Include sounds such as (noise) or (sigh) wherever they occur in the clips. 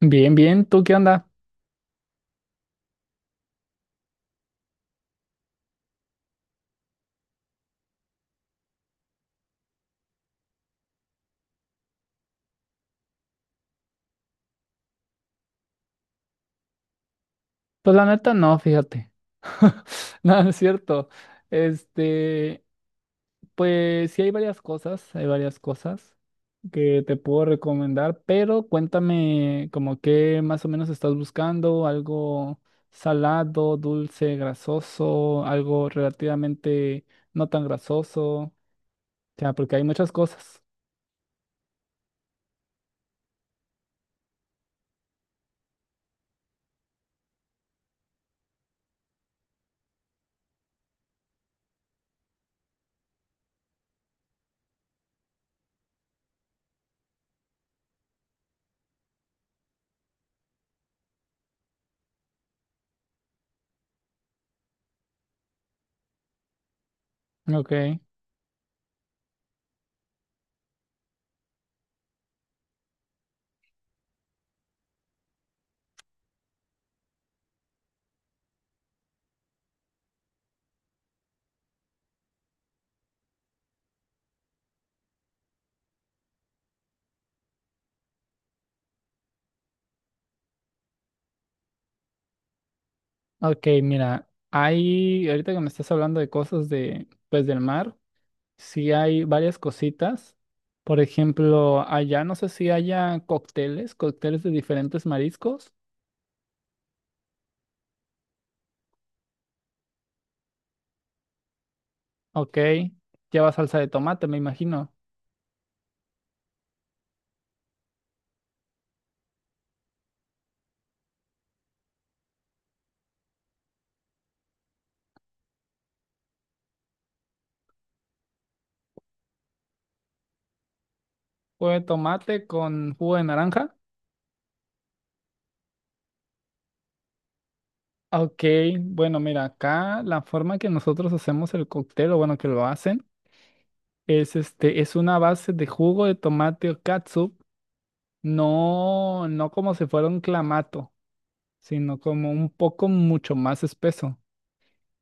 Bien, bien, ¿tú qué onda? Pues la neta no, fíjate. (laughs) No, no es cierto. Este, pues sí hay varias cosas que te puedo recomendar, pero cuéntame como qué más o menos estás buscando, algo salado, dulce, grasoso, algo relativamente no tan grasoso, o sea, porque hay muchas cosas. Ok, ok, mira, hay, ahorita que me estás hablando de cosas de, pues del mar. Sí hay varias cositas. Por ejemplo, allá no sé si haya cócteles, cócteles de diferentes mariscos. Ok, lleva salsa de tomate, me imagino. Jugo de tomate con jugo de naranja. Ok, bueno, mira, acá la forma que nosotros hacemos el cóctel, o bueno, que lo hacen, es es una base de jugo de tomate o catsup, no, no como si fuera un clamato, sino como un poco mucho más espeso.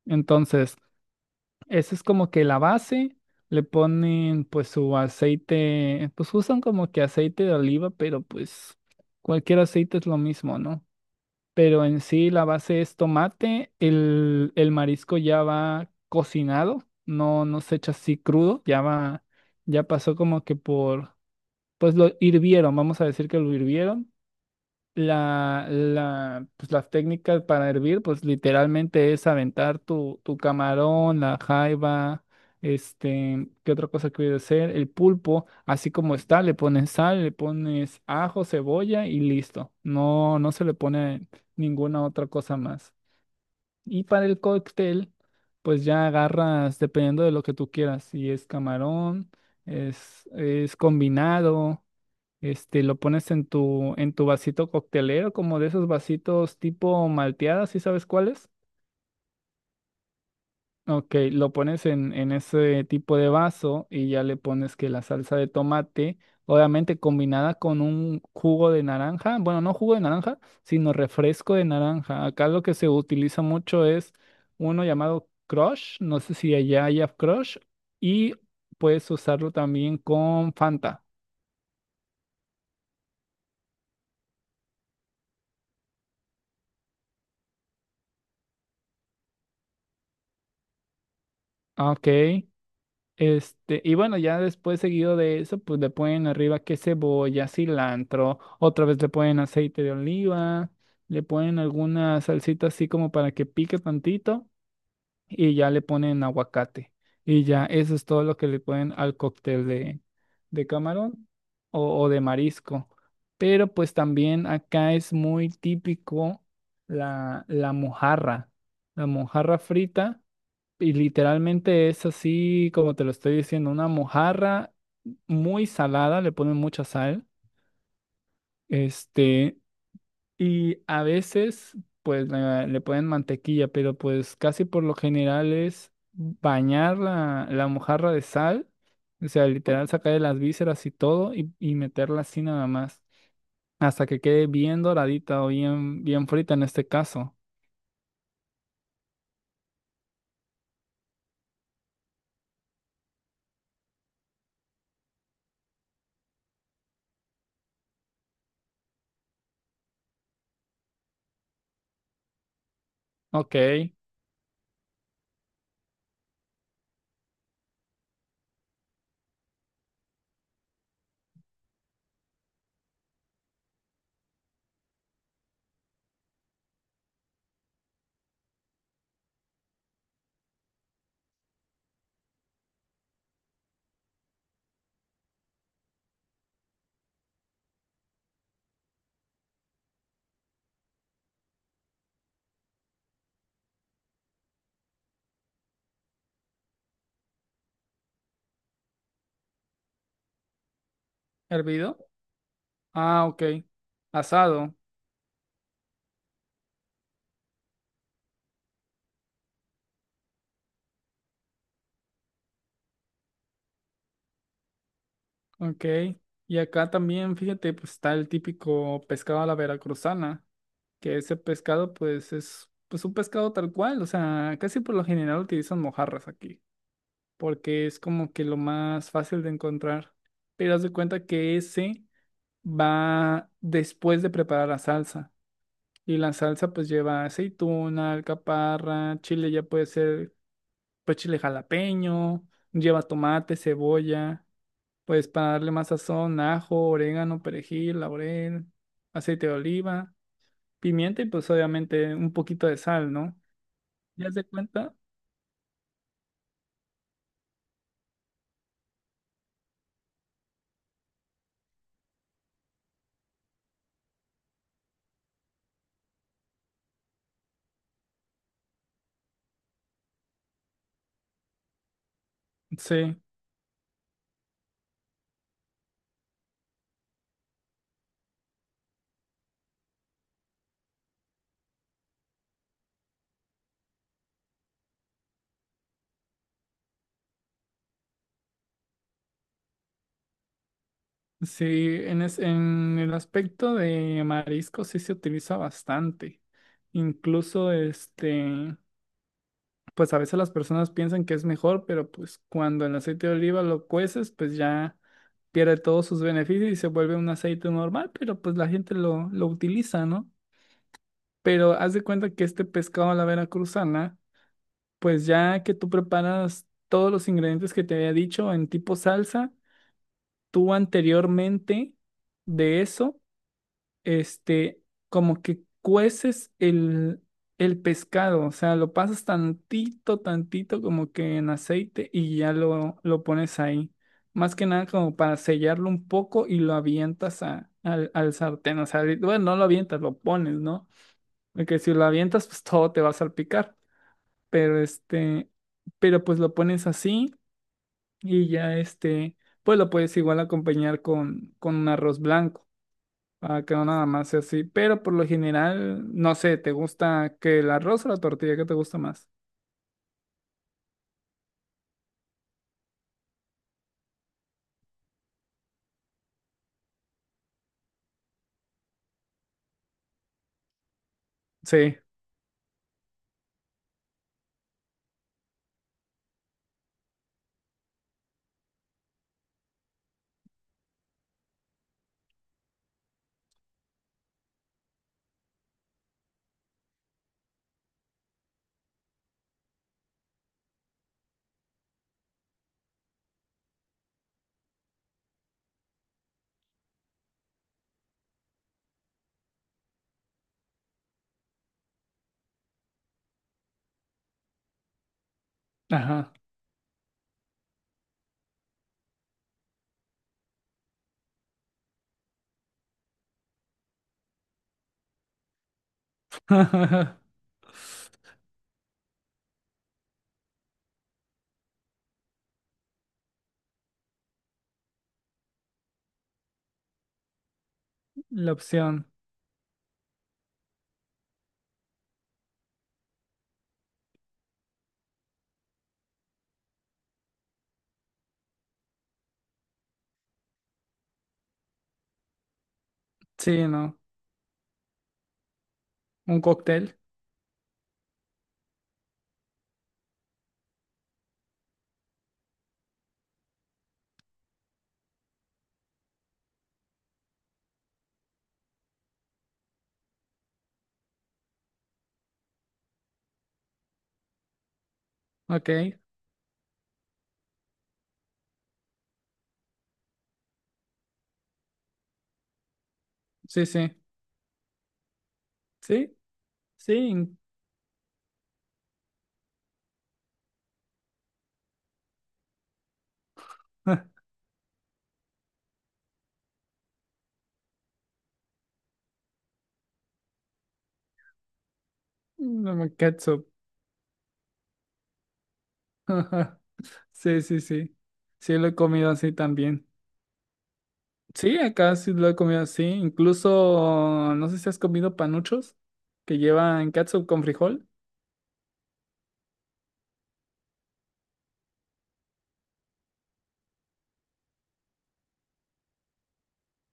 Entonces, esa es como que la base, le ponen pues su aceite, pues usan como que aceite de oliva, pero pues cualquier aceite es lo mismo, ¿no? Pero en sí la base es tomate, el marisco ya va cocinado, no, no se echa así crudo, ya va, ya pasó como que por, pues lo hirvieron, vamos a decir que lo hirvieron la, pues las técnicas para hervir, pues literalmente es aventar tu camarón, la jaiba, ¿qué otra cosa que voy a hacer? El pulpo, así como está, le pones sal, le pones ajo, cebolla y listo. No, no se le pone ninguna otra cosa más. Y para el cóctel, pues ya agarras dependiendo de lo que tú quieras, si es camarón, es combinado. Lo pones en tu vasito coctelero, como de esos vasitos tipo malteadas, ¿sí sabes cuáles? Ok, lo pones en ese tipo de vaso y ya le pones que la salsa de tomate, obviamente combinada con un jugo de naranja, bueno, no jugo de naranja, sino refresco de naranja. Acá lo que se utiliza mucho es uno llamado Crush, no sé si allá haya Crush, y puedes usarlo también con Fanta. Ah, ok. Y bueno, ya después seguido de eso, pues le ponen arriba que cebolla, cilantro, otra vez le ponen aceite de oliva, le ponen alguna salsita así como para que pique tantito y ya le ponen aguacate. Y ya eso es todo lo que le ponen al cóctel de camarón o de marisco. Pero pues también acá es muy típico la mojarra, la mojarra frita y literalmente es así como te lo estoy diciendo, una mojarra muy salada, le ponen mucha sal, este, y a veces pues le ponen mantequilla, pero pues casi por lo general es bañar la mojarra de sal, o sea, literal sacar las vísceras y todo y meterla así nada más, hasta que quede bien doradita o bien, bien frita en este caso. Ok, hervido. Ah, ok. Asado. Ok, y acá también, fíjate, pues está el típico pescado a la veracruzana, que ese pescado pues es pues un pescado tal cual, o sea, casi por lo general utilizan mojarras aquí, porque es como que lo más fácil de encontrar. Pero haz de cuenta que ese va después de preparar la salsa, y la salsa pues lleva aceituna, alcaparra, chile ya puede ser pues chile jalapeño, lleva tomate, cebolla. Pues para darle más sazón, ajo, orégano, perejil, laurel, aceite de oliva, pimienta y pues obviamente un poquito de sal, ¿no? ¿Ya se cuenta? Sí, sí, en el aspecto de marisco sí se utiliza bastante. Incluso pues a veces las personas piensan que es mejor, pero pues cuando el aceite de oliva lo cueces, pues ya pierde todos sus beneficios y se vuelve un aceite normal, pero pues la gente lo utiliza, ¿no? Pero haz de cuenta que este pescado a la veracruzana, pues ya que tú preparas todos los ingredientes que te había dicho en tipo salsa, tú anteriormente de eso, este, como que cueces el pescado, o sea, lo pasas tantito, tantito como que en aceite y ya lo pones ahí. Más que nada como para sellarlo un poco y lo avientas al al sartén, o sea, bueno, no lo avientas, lo pones, ¿no? que si lo avientas, pues todo te va a salpicar. Pero este, pero pues lo pones así y ya pues lo puedes igual acompañar con un arroz blanco, para que no nada más sea así. Pero por lo general, no sé, ¿te gusta que el arroz o la tortilla? ¿Qué te gusta más? Sí, ajá. (laughs) La opción. Sí, no. Un cóctel. Ok. Sí, sí. Sí, sí. (laughs) No, ketchup. (laughs) Sí, sí, sí. Sí, lo he comido así también. Sí, acá sí lo he comido así. Incluso, no sé si has comido panuchos que llevan catsup con frijol.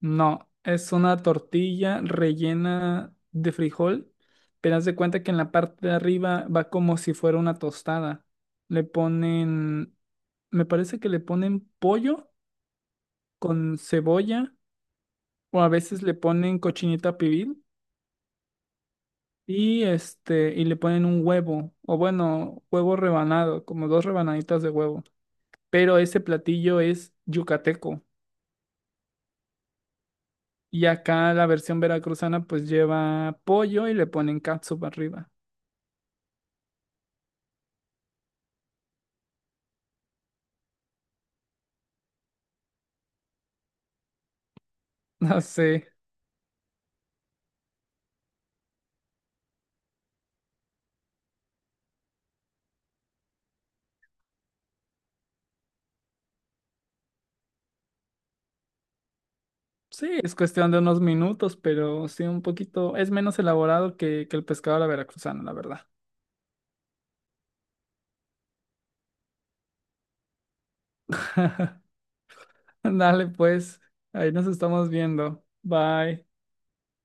No, es una tortilla rellena de frijol, pero haz de cuenta que en la parte de arriba va como si fuera una tostada. Le ponen, me parece que le ponen pollo con cebolla o a veces le ponen cochinita pibil y este y le ponen un huevo o bueno, huevo rebanado, como dos rebanaditas de huevo. Pero ese platillo es yucateco. Y acá la versión veracruzana pues lleva pollo y le ponen catsup arriba. (laughs) No sé. Sí, es cuestión de unos minutos, pero sí un poquito, es menos elaborado que el pescado a la veracruzana, la verdad. (laughs) Dale pues, ahí nos estamos viendo. Bye.